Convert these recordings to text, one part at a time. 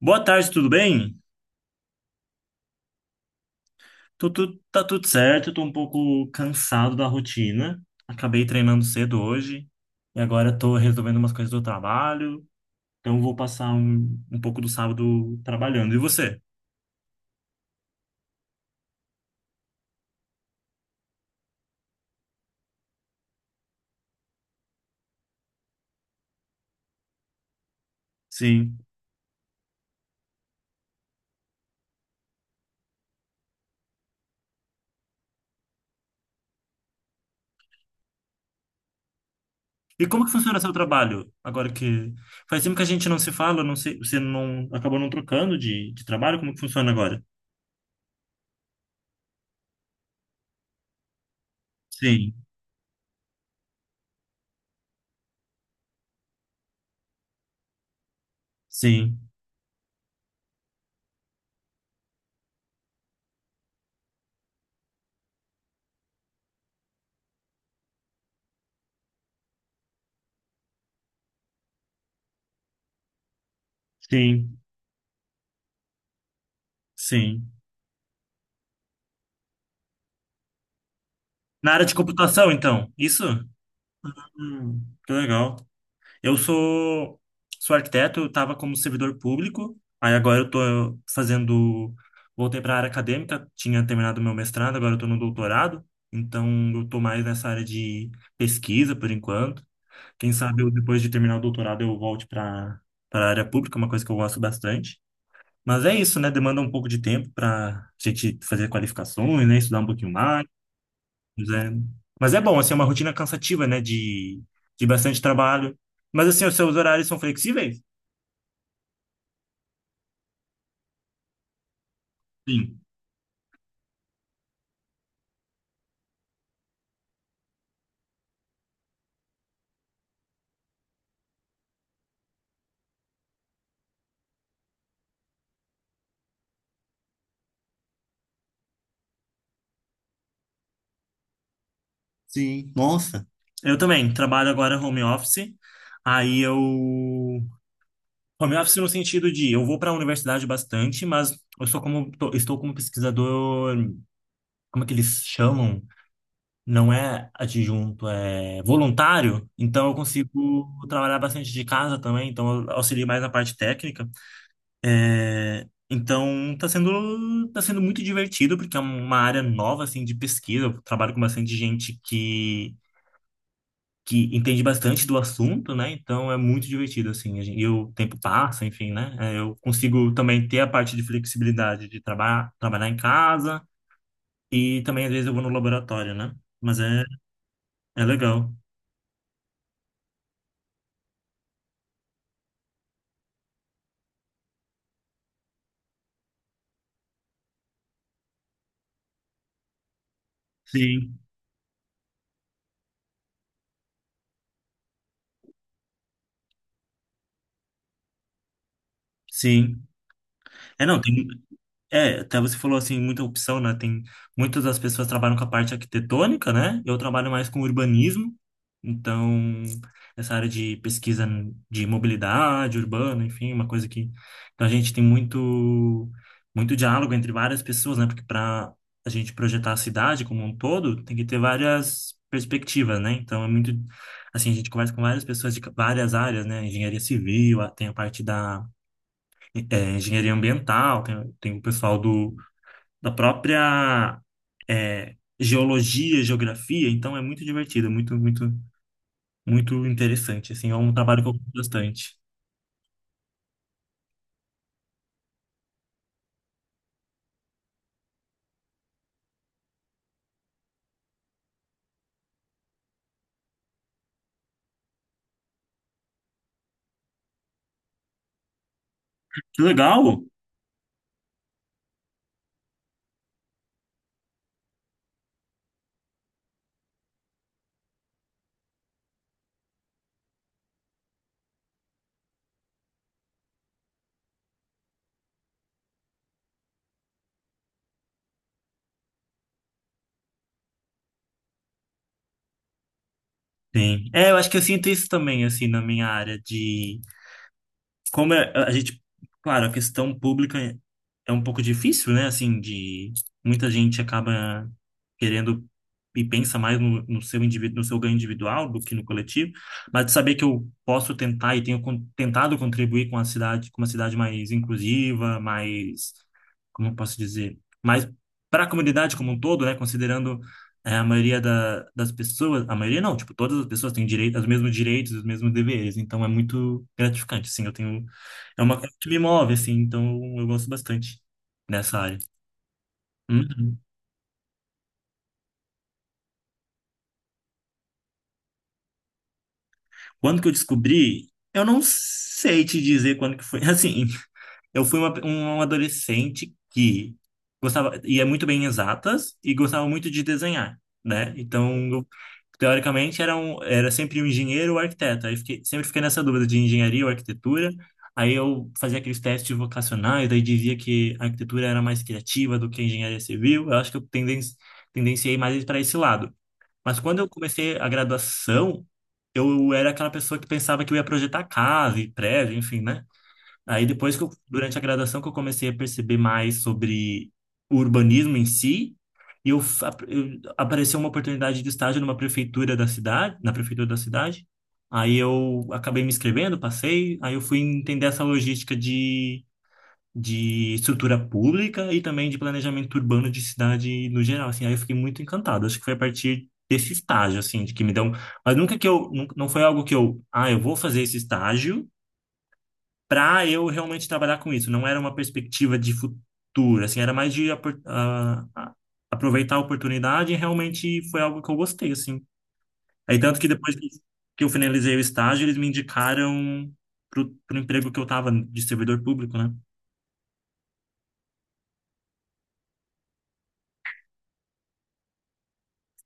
Boa tarde, tudo bem? Tô, tá tudo certo, tô um pouco cansado da rotina. Acabei treinando cedo hoje e agora tô resolvendo umas coisas do trabalho, então vou passar um pouco do sábado trabalhando. E você? Sim. E como que funciona seu trabalho? Agora que faz tempo que a gente não se fala, não sei, você não acabou não trocando de trabalho, como que funciona agora? Sim, sim, sim, sim. Na área de computação, então, isso? Hum, que legal. Eu sou, sou arquiteto, eu estava como servidor público, aí agora eu estou fazendo, voltei para a área acadêmica, tinha terminado meu mestrado, agora eu estou no doutorado, então eu estou mais nessa área de pesquisa por enquanto. Quem sabe eu, depois de terminar o doutorado eu volte para a área pública, uma coisa que eu gosto bastante. Mas é isso, né? Demanda um pouco de tempo para a gente fazer qualificações, né? Estudar um pouquinho mais. Pois é. Mas é bom, assim, é uma rotina cansativa, né? De bastante trabalho. Mas assim, os seus horários são flexíveis? Sim. Sim, nossa. Eu também trabalho agora home office. Aí eu. Home office no sentido de eu vou para a universidade bastante, mas eu sou estou como pesquisador, como é que eles chamam? Não é adjunto, é voluntário. Então eu consigo trabalhar bastante de casa também, então eu auxilio mais na parte técnica. É, então tá sendo muito divertido porque é uma área nova assim de pesquisa. Eu trabalho com bastante gente que entende bastante do assunto, né? Então é muito divertido assim. E o tempo passa, enfim, né? É, eu consigo também ter a parte de flexibilidade de trabalhar em casa e também às vezes eu vou no laboratório, né? Mas é legal. Sim, sim. É, não, tem, É, até você falou assim, muita opção, né? Tem muitas das pessoas trabalham com a parte arquitetônica, né? Eu trabalho mais com urbanismo, então essa área de pesquisa de mobilidade urbana, enfim, uma coisa que então a gente tem muito diálogo entre várias pessoas, né? Porque para a gente projetar a cidade como um todo, tem que ter várias perspectivas, né? Então é muito assim, a gente conversa com várias pessoas de várias áreas, né? Engenharia civil, tem a parte da engenharia ambiental, tem o pessoal do da própria é, geologia, geografia, então é muito divertido, é muito, muito interessante, assim, é um trabalho que eu gosto bastante. Que legal! Sim. É, eu acho que eu sinto isso também, assim, na minha área de como é- a gente, claro, a questão pública é um pouco difícil, né? Assim, de muita gente acaba querendo e pensa mais no seu indivíduo, no seu ganho individual do que no coletivo, mas de saber que eu posso tentar e tenho tentado contribuir com a cidade, com uma cidade mais inclusiva, mais, como eu posso dizer, mais para a comunidade como um todo, né? Considerando é, das pessoas, a maioria não, tipo, todas as pessoas têm direito, os mesmos direitos, os mesmos deveres, então é muito gratificante, assim, eu tenho, é uma coisa que me move, assim, então eu gosto bastante dessa área. Uhum. Quando que eu descobri? Eu não sei te dizer quando que foi. Assim, eu fui um adolescente que gostava, ia muito bem em exatas e gostava muito de desenhar, né? Então, eu, teoricamente, era sempre um engenheiro ou arquiteto. Sempre fiquei nessa dúvida de engenharia ou arquitetura. Aí eu fazia aqueles testes vocacionais, daí dizia que a arquitetura era mais criativa do que a engenharia civil. Eu acho que eu tendenciei mais para esse lado. Mas quando eu comecei a graduação, eu era aquela pessoa que pensava que eu ia projetar casa e prédio, enfim, né? Aí depois durante a graduação que eu comecei a perceber mais sobre o urbanismo em si, e apareceu uma oportunidade de estágio numa prefeitura da cidade, na prefeitura da cidade. Aí eu acabei me inscrevendo, passei, aí eu fui entender essa logística de estrutura pública e também de planejamento urbano de cidade no geral, assim. Aí eu fiquei muito encantado. Acho que foi a partir desse estágio, assim, de que me deu... Mas nunca que eu... Não foi algo que eu... Ah, eu vou fazer esse estágio para eu realmente trabalhar com isso. Não era uma perspectiva de futuro, assim. Era mais de aproveitar a oportunidade e realmente foi algo que eu gostei, assim. Aí tanto que depois que eu finalizei o estágio, eles me indicaram pro emprego que eu tava de servidor público, né?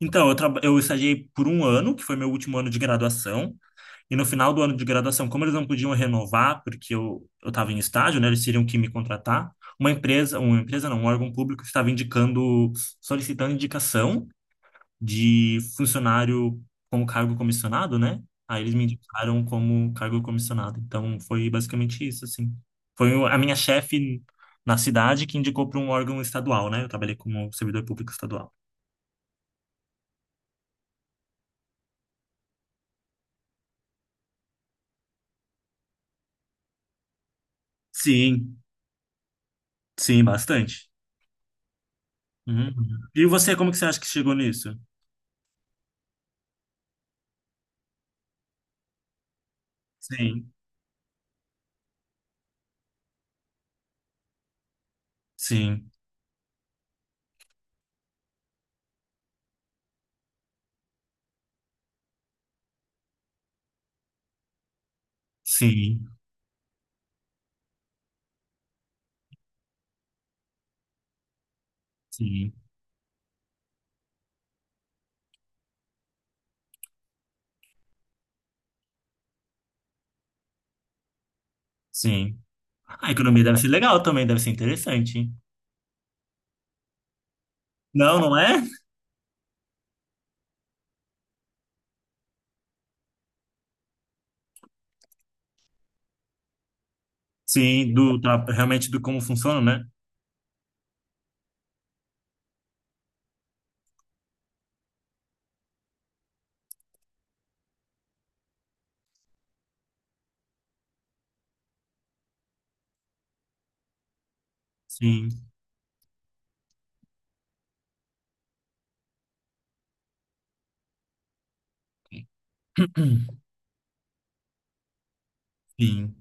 Então, eu estagiei por um ano, que foi meu último ano de graduação, e no final do ano de graduação, como eles não podiam renovar, porque eu estava em estágio, né, eles teriam que me contratar, uma empresa não, um órgão público estava indicando, solicitando indicação de funcionário como cargo comissionado, né? Aí eles me indicaram como cargo comissionado. Então, foi basicamente isso, assim. A minha chefe na cidade que indicou para um órgão estadual, né? Eu trabalhei como servidor público estadual. Sim, sim, bastante. Uhum. E você, como que você acha que chegou nisso? Sim, sim, sim, sim, sim. A economia deve ser legal também, deve ser interessante, hein? Não, não é? Sim, realmente do como funciona, né? Sim, sim.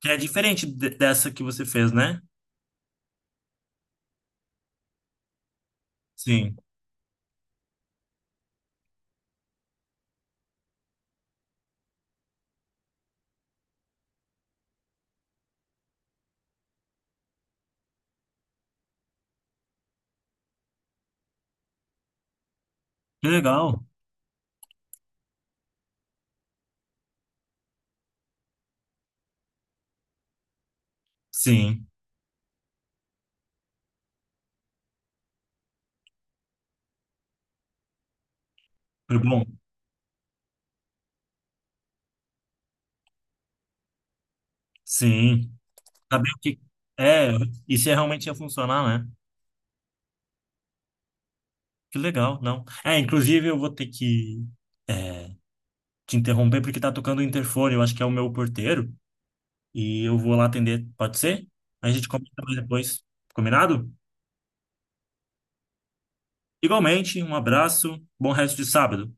Que é diferente dessa que você fez, né? Sim. Que legal. Sim. Foi bom. Sim. Saber o que é e se realmente ia funcionar, né? Que legal, não. É, inclusive eu vou ter que é, te interromper porque tá tocando o interfone, eu acho que é o meu porteiro, e eu vou lá atender, pode ser? A gente comenta mais depois, combinado? Igualmente, um abraço, bom resto de sábado.